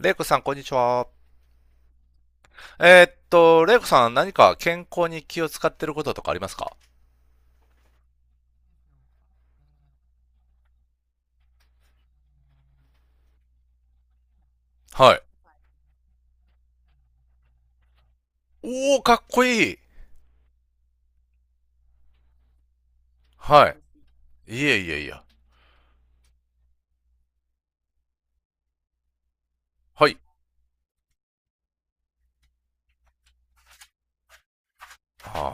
レイコさん、こんにちは。レイコさん、何か健康に気を使ってることとかありますか？はい。おー、かっこいい。はい。いえいえいえ。はい。は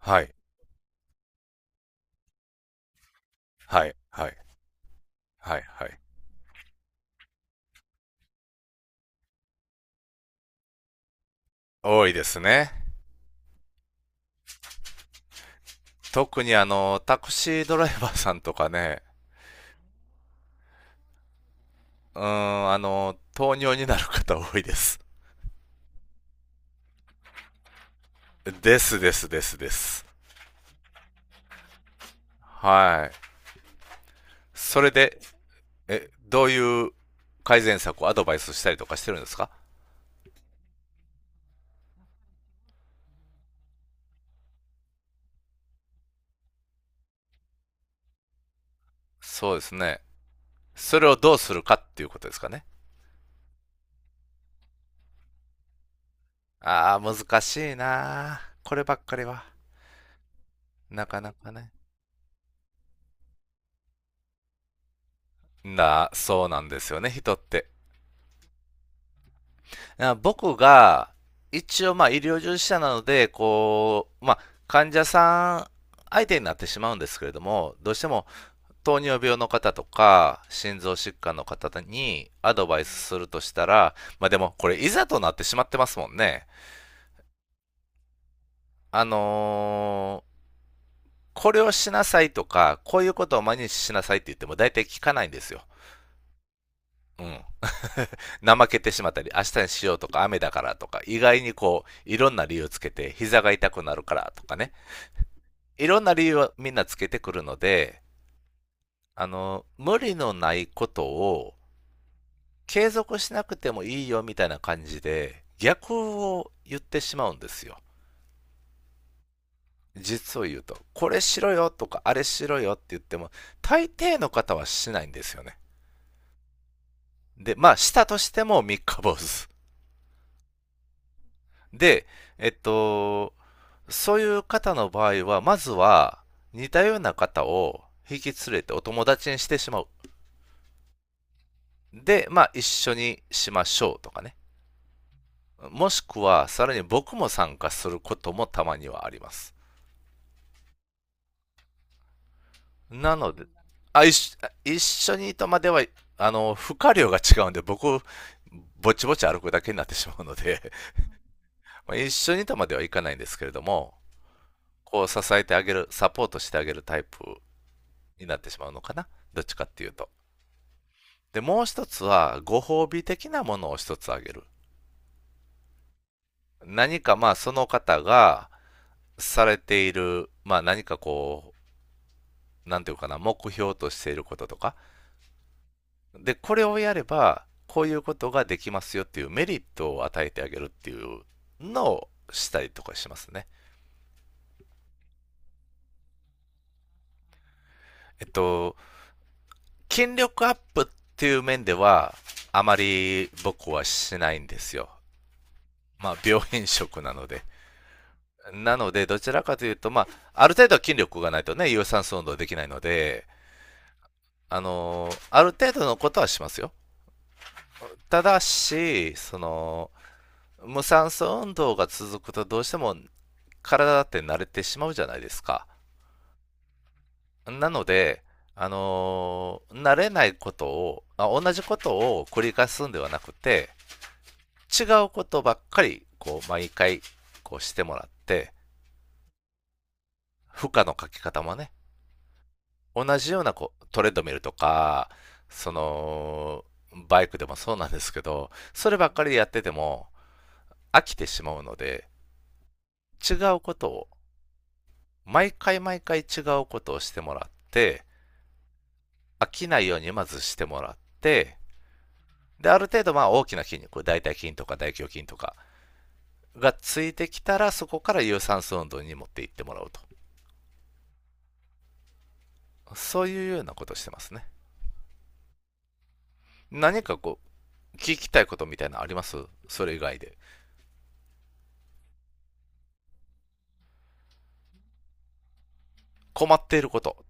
あ。はい。はい。はい。はい。はい。多いですね。特にタクシードライバーさんとかね、うーん、糖尿になる方多いです。ですですですです。はい。それで、え、どういう改善策をアドバイスしたりとかしてるんですか？そうですね。それをどうするかっていうことですかね。ああ、難しいなあこればっかりは。なかなかね。な、そうなんですよね、人って。僕が、一応まあ医療従事者なので、こう、まあ患者さん相手になってしまうんですけれども、どうしても糖尿病の方とか、心臓疾患の方にアドバイスするとしたら、まあでもこれいざとなってしまってますもんね。あのこれをしなさいとか、こういうことを毎日しなさいって言っても大体聞かないんですよ。うん。怠けてしまったり、明日にしようとか、雨だからとか、意外にこう、いろんな理由つけて、膝が痛くなるからとかね。いろんな理由をみんなつけてくるので、無理のないことを継続しなくてもいいよみたいな感じで、逆を言ってしまうんですよ。実を言うと、これしろよとか、あれしろよって言っても、大抵の方はしないんですよね。で、まあ、したとしても三日坊主。で、えっと、そういう方の場合は、まずは、似たような方を引き連れてお友達にしてしまう。で、まあ、一緒にしましょうとかね。もしくは、さらに僕も参加することもたまにはあります。なので、あ、一緒にとまでは、負荷量が違うんで、僕、ぼちぼち歩くだけになってしまうので、一緒にとまではいかないんですけれども、こう支えてあげる、サポートしてあげるタイプになってしまうのかな。どっちかっていうと。で、もう一つは、ご褒美的なものを一つあげる。何かまあ、その方がされている、まあ何かこう、なんていうかな、目標としていることとか。で、これをやれば、こういうことができますよっていうメリットを与えてあげるっていうのをしたりとかしますね。えっと、筋力アップっていう面では、あまり僕はしないんですよ。まあ、病変色なので。なので、どちらかというと、まあ、ある程度は筋力がないとね、有酸素運動できないので、ある程度のことはしますよ。ただし、その、無酸素運動が続くとどうしても体だって慣れてしまうじゃないですか。なので、慣れないことを、まあ同じことを繰り返すんではなくて、違うことばっかり、こう、毎回、こうしてもらって、負荷のかけ方もね、同じようなこうトレッドミルとか、その、バイクでもそうなんですけど、そればっかりでやってても飽きてしまうので、違うことを、毎回毎回違うことをしてもらって、飽きないようにまずしてもらって、で、ある程度まあ大きな筋肉、大腿筋とか大胸筋とかがついてきたら、そこから有酸素運動に持っていってもらうと。そういうようなことをしてますね。何かこう、聞きたいことみたいなのあります？それ以外で。困っていること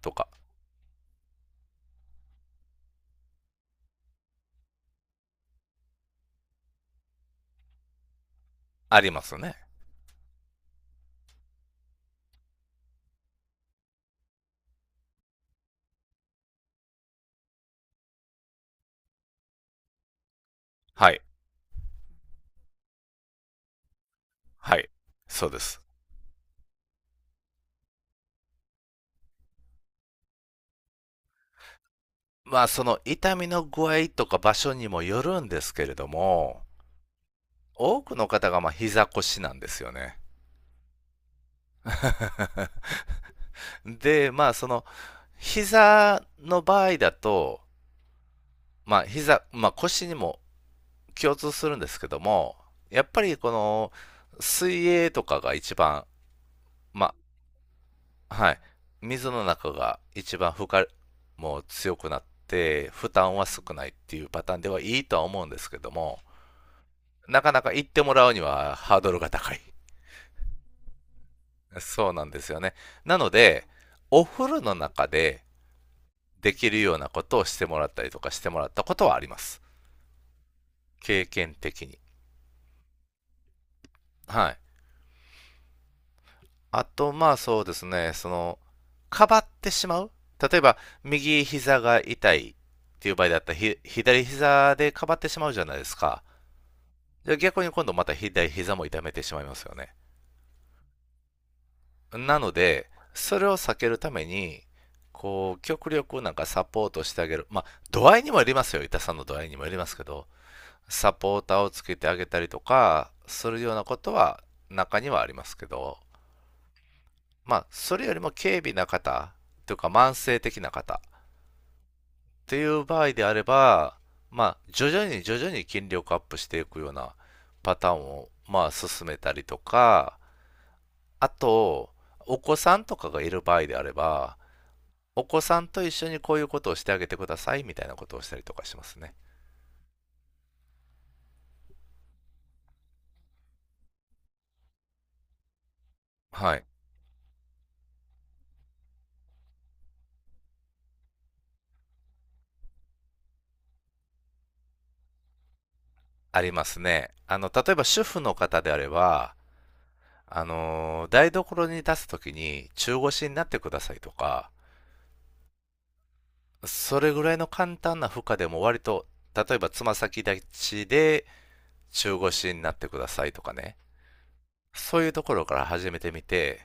とかありますね。はい。はい。そうです。まあその痛みの具合とか場所にもよるんですけれども、多くの方がまあ膝腰なんですよね。で、まあその膝の場合だと、まあ膝、まあ腰にも共通するんですけども、やっぱりこの水泳とかが一番、ま、はい。水の中が一番負荷も強くなって、負担は少ないっていうパターンではいいとは思うんですけども、なかなか行ってもらうにはハードルが高い。そうなんですよね。なので、お風呂の中でできるようなことをしてもらったりとかしてもらったことはあります。経験的に。はい。あと、まあそうですね、その、かばってしまう例えば、右膝が痛いっていう場合だったら、左膝でかばってしまうじゃないですか。じゃあ逆に今度また左膝も痛めてしまいますよね。なので、それを避けるために、こう、極力なんかサポートしてあげる。まあ、度合いにもよりますよ。痛さの度合いにもよりますけど、サポーターをつけてあげたりとか、するようなことは中にはありますけど、まあ、それよりも軽微な方、というか慢性的な方、っていう場合であれば、まあ、徐々に徐々に筋力アップしていくようなパターンを、まあ、進めたりとか、あと、お子さんとかがいる場合であれば、お子さんと一緒にこういうことをしてあげてくださいみたいなことをしたりとかしますね。はい。ありますね。例えば主婦の方であれば、台所に立つときに中腰になってくださいとか、それぐらいの簡単な負荷でも割と、例えばつま先立ちで中腰になってくださいとかね。そういうところから始めてみて、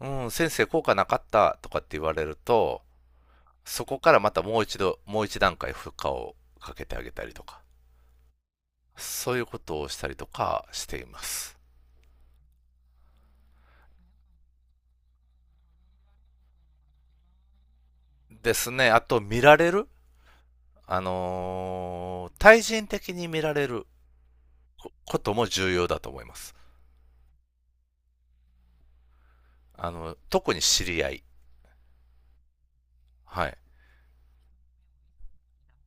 うん、先生効果なかったとかって言われると、そこからまたもう一度、もう一段階負荷をかけてあげたりとか、そういうことをしたりとかしています。ですね。あと、見られる対人的に見られるこことも重要だと思います。特に知り合い。はい。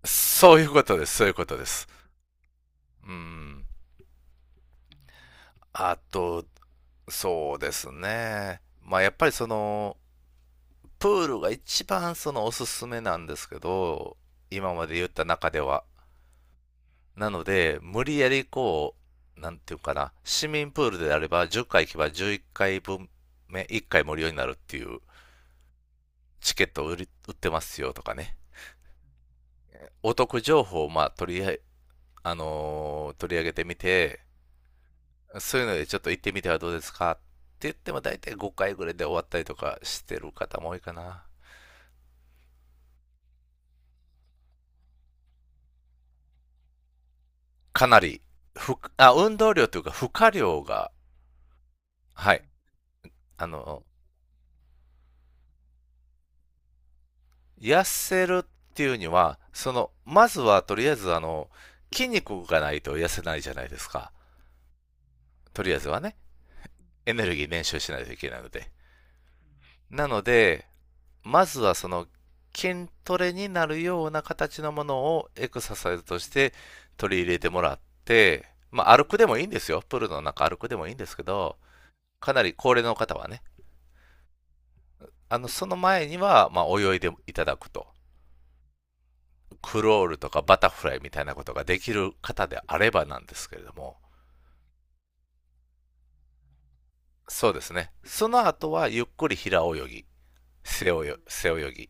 そういうことです。そういうことです。うん。あと、そうですね。まあ、やっぱりその、プールが一番そのおすすめなんですけど、今まで言った中では、なので、無理やりこう、なんていうかな、市民プールであれば10回行けば11回分目、1回無料になるっていうチケットを売ってますよとかね。お得情報をまあ取りあ取り上げてみて、そういうのでちょっと行ってみてはどうですかって言っても大体5回ぐらいで終わったりとかしてる方も多いかな。かなり、ふくあ運動量というか負荷量が、はい、あのー痩せるっていうには、その、まずはとりあえず筋肉がないと痩せないじゃないですか。とりあえずはね、エネルギー練習しないといけないので。なので、まずはその筋トレになるような形のものをエクササイズとして取り入れてもらって、まあ歩くでもいいんですよ。プールの中歩くでもいいんですけど、かなり高齢の方はね、その前には、まあ泳いでいただくと。クロールとかバタフライみたいなことができる方であればなんですけれども、そうですね。その後はゆっくり平泳ぎ、背泳ぎ。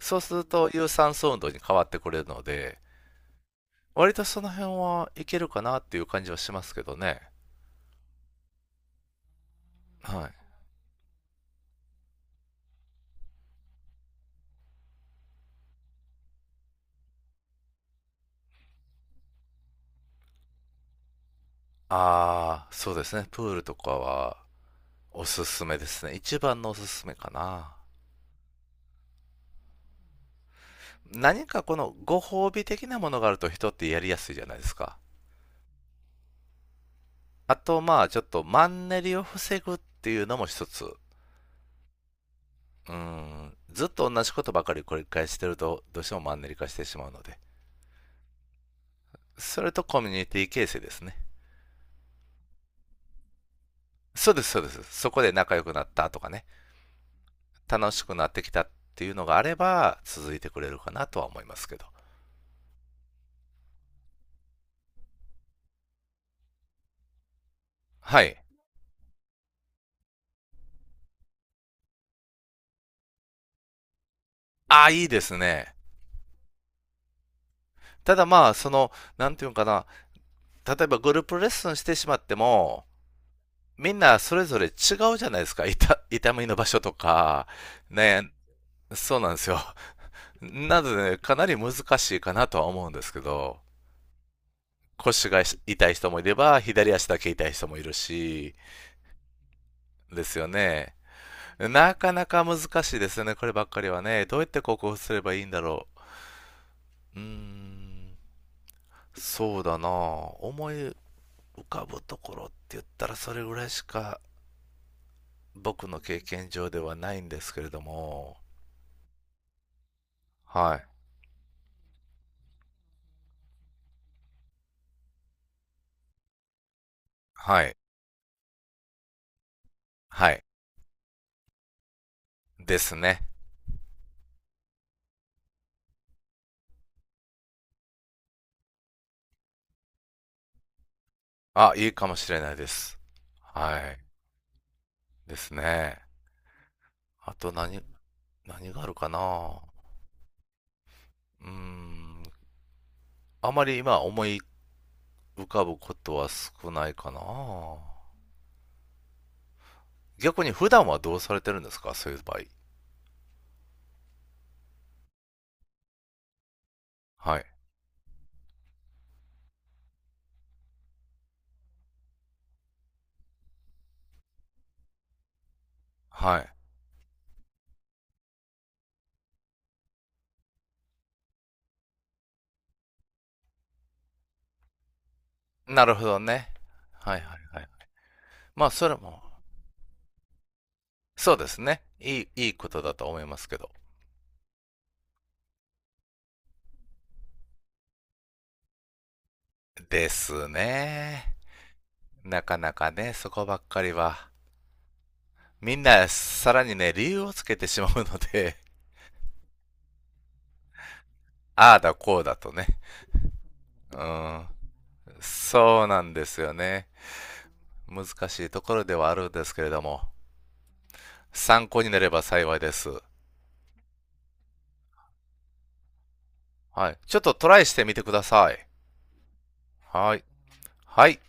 そうすると有酸素運動に変わってくれるので、割とその辺はいけるかなっていう感じはしますけどね。はい。ああ、そうですね。プールとかはおすすめですね。一番のおすすめかな。何かこのご褒美的なものがあると人ってやりやすいじゃないですか。あと、まあ、ちょっとマンネリを防ぐっていうのも一つ。うん、ずっと同じことばかり繰り返してると、どうしてもマンネリ化してしまうので。それとコミュニティ形成ですね。そうです、そうです。そこで仲良くなったとかね、楽しくなってきたっていうのがあれば、続いてくれるかなとは思いますけど。はい。ああ、いいですね。ただまあ、その、なんていうのかな、例えばグループレッスンしてしまっても、みんなそれぞれ違うじゃないですか。痛みの場所とか、ね、そうなんですよ。なので、ね、かなり難しいかなとは思うんですけど、腰が痛い人もいれば、左足だけ痛い人もいるし、ですよね。なかなか難しいですよね、こればっかりはね。どうやって克服すればいいんだろう。うーん、そうだなぁ思い浮かぶところって言ったらそれぐらいしか僕の経験上ではないんですけれども。はい。はい。はい。ですね。あ、いいかもしれないです。はい。ですね。あと何、何があるかな。うーん。あまり今思い浮かぶことは少ないかな。逆に普段はどうされてるんですか？そういう場合。はい。はい。なるほどね。はいはいはい。まあ、それも、そうですね。いい、いいことだと思いますけど。ですね。なかなかね、そこばっかりは。みんな、さらにね、理由をつけてしまうので、ああだこうだとね。うん。そうなんですよね。難しいところではあるんですけれども、参考になれば幸いです。はい。ちょっとトライしてみてください。はい。はい。